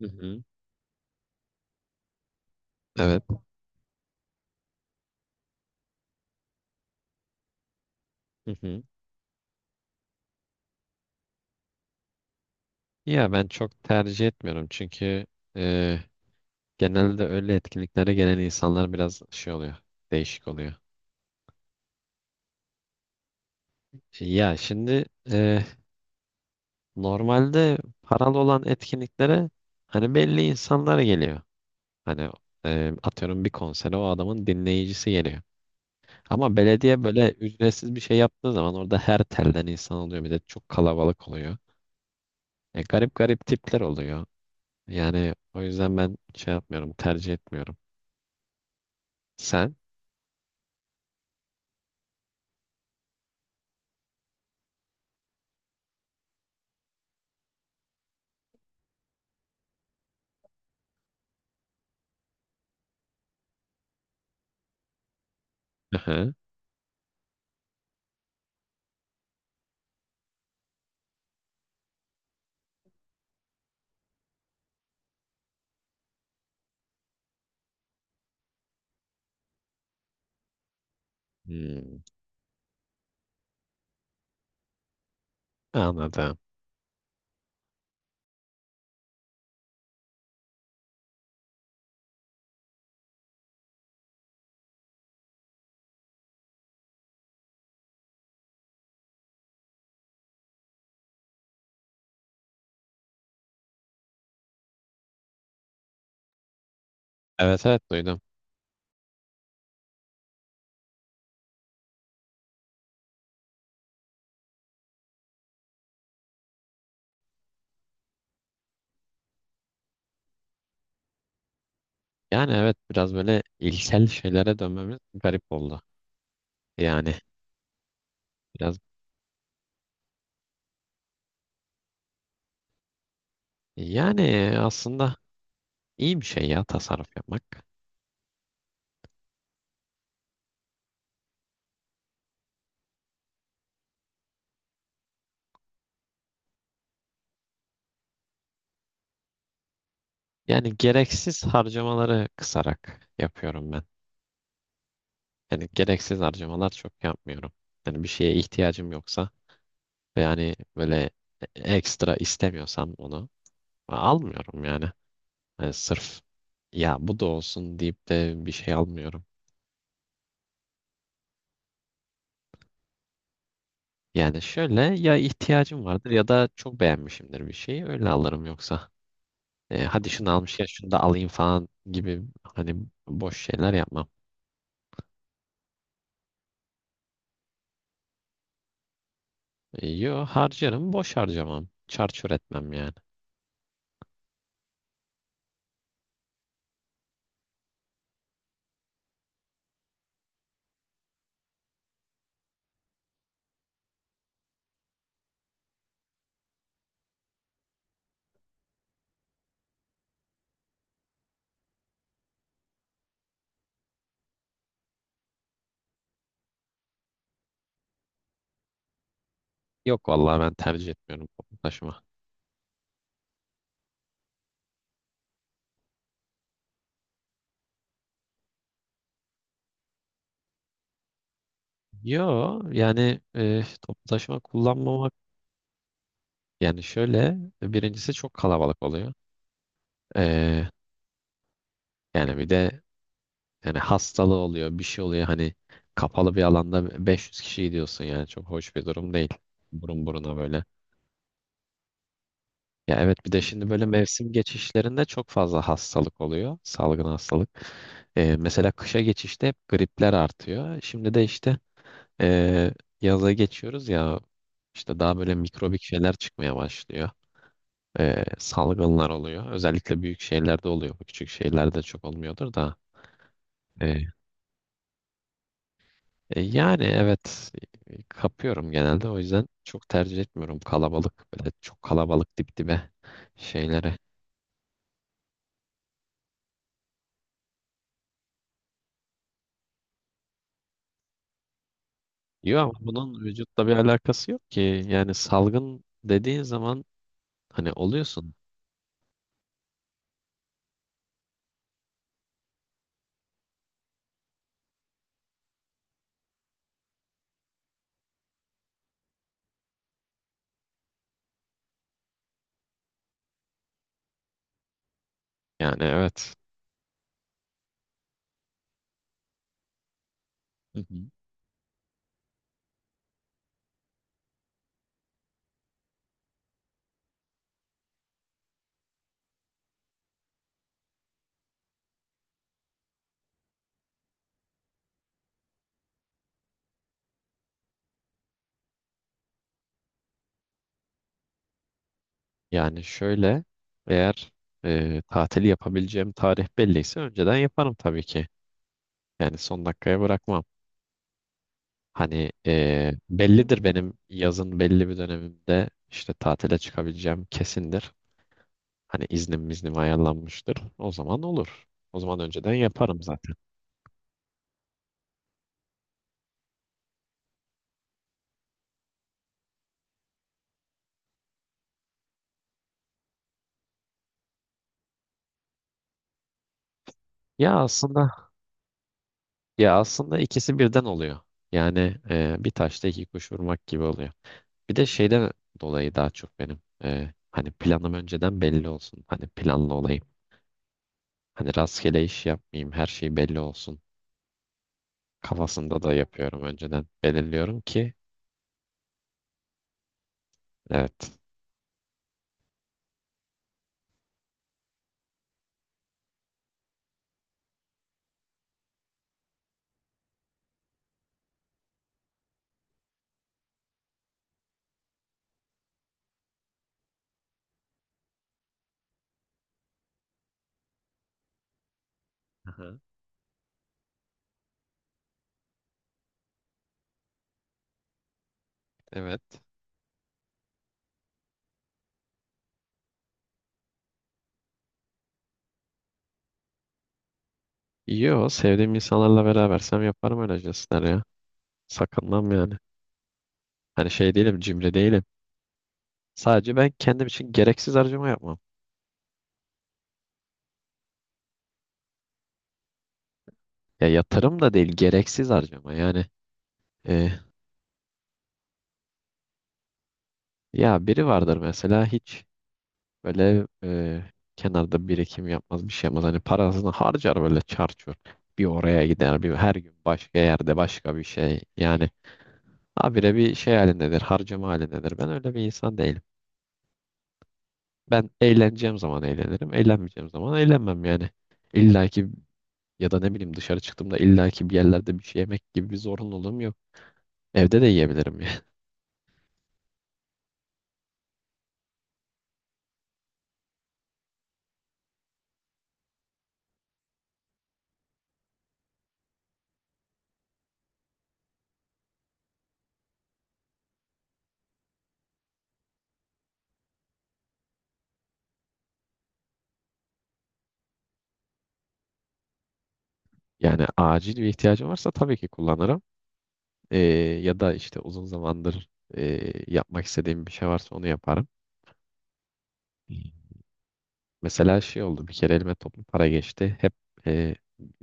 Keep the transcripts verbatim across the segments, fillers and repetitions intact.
Hı hı. Evet. Hı hı. Ya ben çok tercih etmiyorum çünkü e, genelde öyle etkinliklere gelen insanlar biraz şey oluyor, değişik oluyor. Ya şimdi e, normalde paralı olan etkinliklere hani belli insanlar geliyor. Hani e, atıyorum bir konsere o adamın dinleyicisi geliyor. Ama belediye böyle ücretsiz bir şey yaptığı zaman orada her telden insan oluyor. Bir de çok kalabalık oluyor. E, garip garip tipler oluyor. Yani o yüzden ben şey yapmıyorum, tercih etmiyorum. Sen? Aha. Hmm, anladım. Evet evet duydum. Yani evet biraz böyle ilkel şeylere dönmemiz garip oldu. Yani biraz yani aslında iyi bir şey ya tasarruf yapmak. Yani gereksiz harcamaları kısarak yapıyorum ben. Yani gereksiz harcamalar çok yapmıyorum. Yani bir şeye ihtiyacım yoksa ve yani böyle ekstra istemiyorsam onu almıyorum yani. Yani sırf ya bu da olsun deyip de bir şey almıyorum. Yani şöyle ya ihtiyacım vardır ya da çok beğenmişimdir bir şeyi öyle alırım yoksa. E, hadi şunu almışken şunu da alayım falan gibi hani boş şeyler yapmam. E, yo harcarım boş harcamam. Çarçur etmem yani. Yok vallahi ben tercih etmiyorum toplu taşıma. Yo yani e, toplu taşıma kullanmamak yani şöyle birincisi çok kalabalık oluyor. E, Yani bir de yani hastalığı oluyor bir şey oluyor hani kapalı bir alanda beş yüz kişi gidiyorsun yani çok hoş bir durum değil. Burun buruna böyle. Ya evet bir de şimdi böyle mevsim geçişlerinde çok fazla hastalık oluyor. Salgın hastalık. E, mesela kışa geçişte hep gripler artıyor. Şimdi de işte e, yaza geçiyoruz ya işte daha böyle mikrobik şeyler çıkmaya başlıyor. E, salgınlar oluyor. Özellikle büyük şehirlerde oluyor. Bu küçük şehirlerde çok olmuyordur da. E, E, yani evet e, e, kapıyorum genelde. O yüzden çok tercih etmiyorum kalabalık böyle çok kalabalık dip dibe şeylere. Yok ama bunun vücutla bir alakası yok ki. Yani salgın dediğin zaman hani oluyorsun. Yani evet. Hı hı. Yani şöyle eğer e, tatili yapabileceğim tarih belliyse önceden yaparım tabii ki. Yani son dakikaya bırakmam. Hani e, bellidir benim yazın belli bir dönemimde işte tatile çıkabileceğim kesindir. Hani iznim iznim ayarlanmıştır. O zaman olur. O zaman önceden yaparım zaten. Ya aslında ya aslında ikisi birden oluyor. Yani e, bir taşla iki kuş vurmak gibi oluyor. Bir de şeyden dolayı daha çok benim e, hani planım önceden belli olsun. Hani planlı olayım. Hani rastgele iş yapmayayım, her şey belli olsun kafasında da yapıyorum önceden. Belirliyorum ki evet. Aha, evet. İyi o. Sevdiğim insanlarla berabersem yaparım öyle jestler ya. Sakınmam yani. Hani şey değilim, cimri değilim. Sadece ben kendim için gereksiz harcama yapmam. Ya yatırım da değil, gereksiz harcama. Yani e, ya biri vardır mesela hiç böyle e, kenarda birikim yapmaz bir şey yapmaz. Hani parasını harcar böyle çarçur. Bir oraya gider bir her gün başka yerde başka bir şey. Yani habire bir şey halindedir harcama halindedir. Ben öyle bir insan değilim. Ben eğleneceğim zaman eğlenirim. Eğlenmeyeceğim zaman eğlenmem yani. İlla ki ya da ne bileyim dışarı çıktığımda illa ki bir yerlerde bir şey yemek gibi bir zorunluluğum yok. Evde de yiyebilirim yani. Yani acil bir ihtiyacım varsa tabii ki kullanırım. E, Ya da işte uzun zamandır e, yapmak istediğim bir şey varsa onu yaparım. Mesela şey oldu bir kere elime toplu para geçti. Hep e,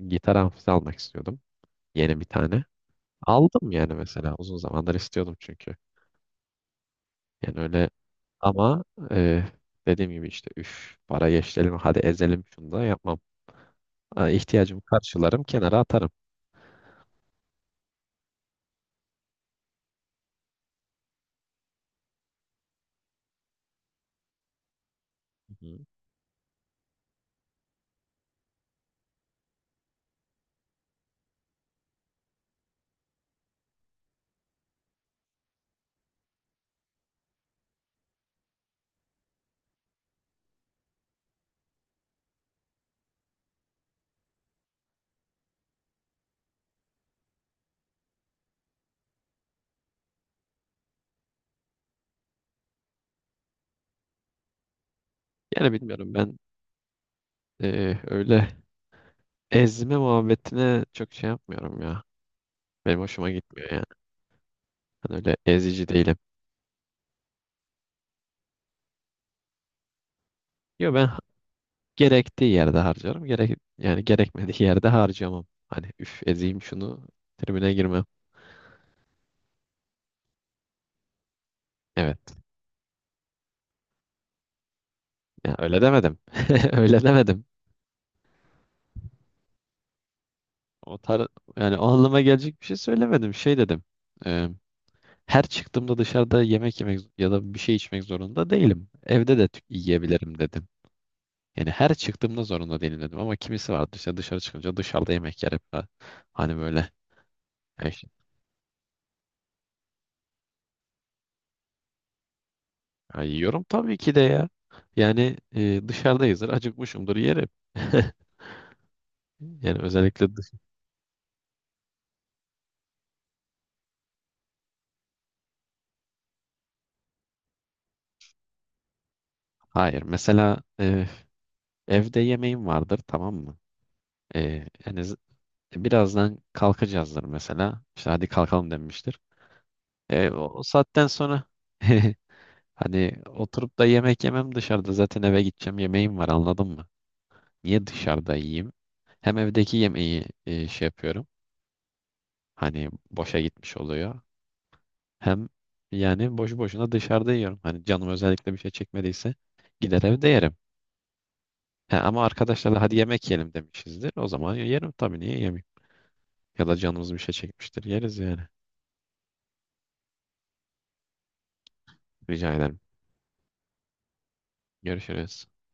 gitar amfisi almak istiyordum. Yeni bir tane. Aldım yani mesela uzun zamandır istiyordum çünkü. Yani öyle ama e, dediğim gibi işte üf para geçti hadi ezelim şunu da yapmam. Ha, İhtiyacımı karşılarım kenara atarım. Hı. Yani bilmiyorum ben e, öyle ezme muhabbetine çok şey yapmıyorum ya. Benim hoşuma gitmiyor yani. Ben öyle ezici değilim. Yo ben gerektiği yerde harcarım. Gerek yani gerekmediği yerde harcamam. Hani üf ezeyim şunu tribüne girmem. Evet. Ya öyle demedim. Öyle demedim. O tar yani o anlama gelecek bir şey söylemedim. Şey dedim. e, Her çıktığımda dışarıda yemek yemek ya da bir şey içmek zorunda değilim. Evde de tü- yiyebilirim dedim. Yani her çıktığımda zorunda değilim dedim. Ama kimisi vardı işte dışarı çıkınca dışarıda yemek yer hep. Ha- hani böyle. Ya işte, ya yiyorum tabii ki de ya. Yani e, dışarıdayızdır, acıkmışımdır yerim. Yani özellikle dış- hayır. Mesela e, evde yemeğim vardır tamam mı? E, Yani z- birazdan kalkacağızdır mesela. İşte hadi kalkalım denmiştir. E, o, o saatten sonra hani oturup da yemek yemem dışarıda zaten eve gideceğim yemeğim var anladın mı? Niye dışarıda yiyeyim? Hem evdeki yemeği e, şey yapıyorum. Hani boşa gitmiş oluyor. Hem yani boşu boşuna dışarıda yiyorum. Hani canım özellikle bir şey çekmediyse gider evde yerim. He, ama arkadaşlarla hadi yemek yiyelim demişizdir. O zaman yerim tabii niye yemeyeyim? Ya da canımız bir şey çekmiştir. Yeriz yani. Rica ederim. Görüşürüz.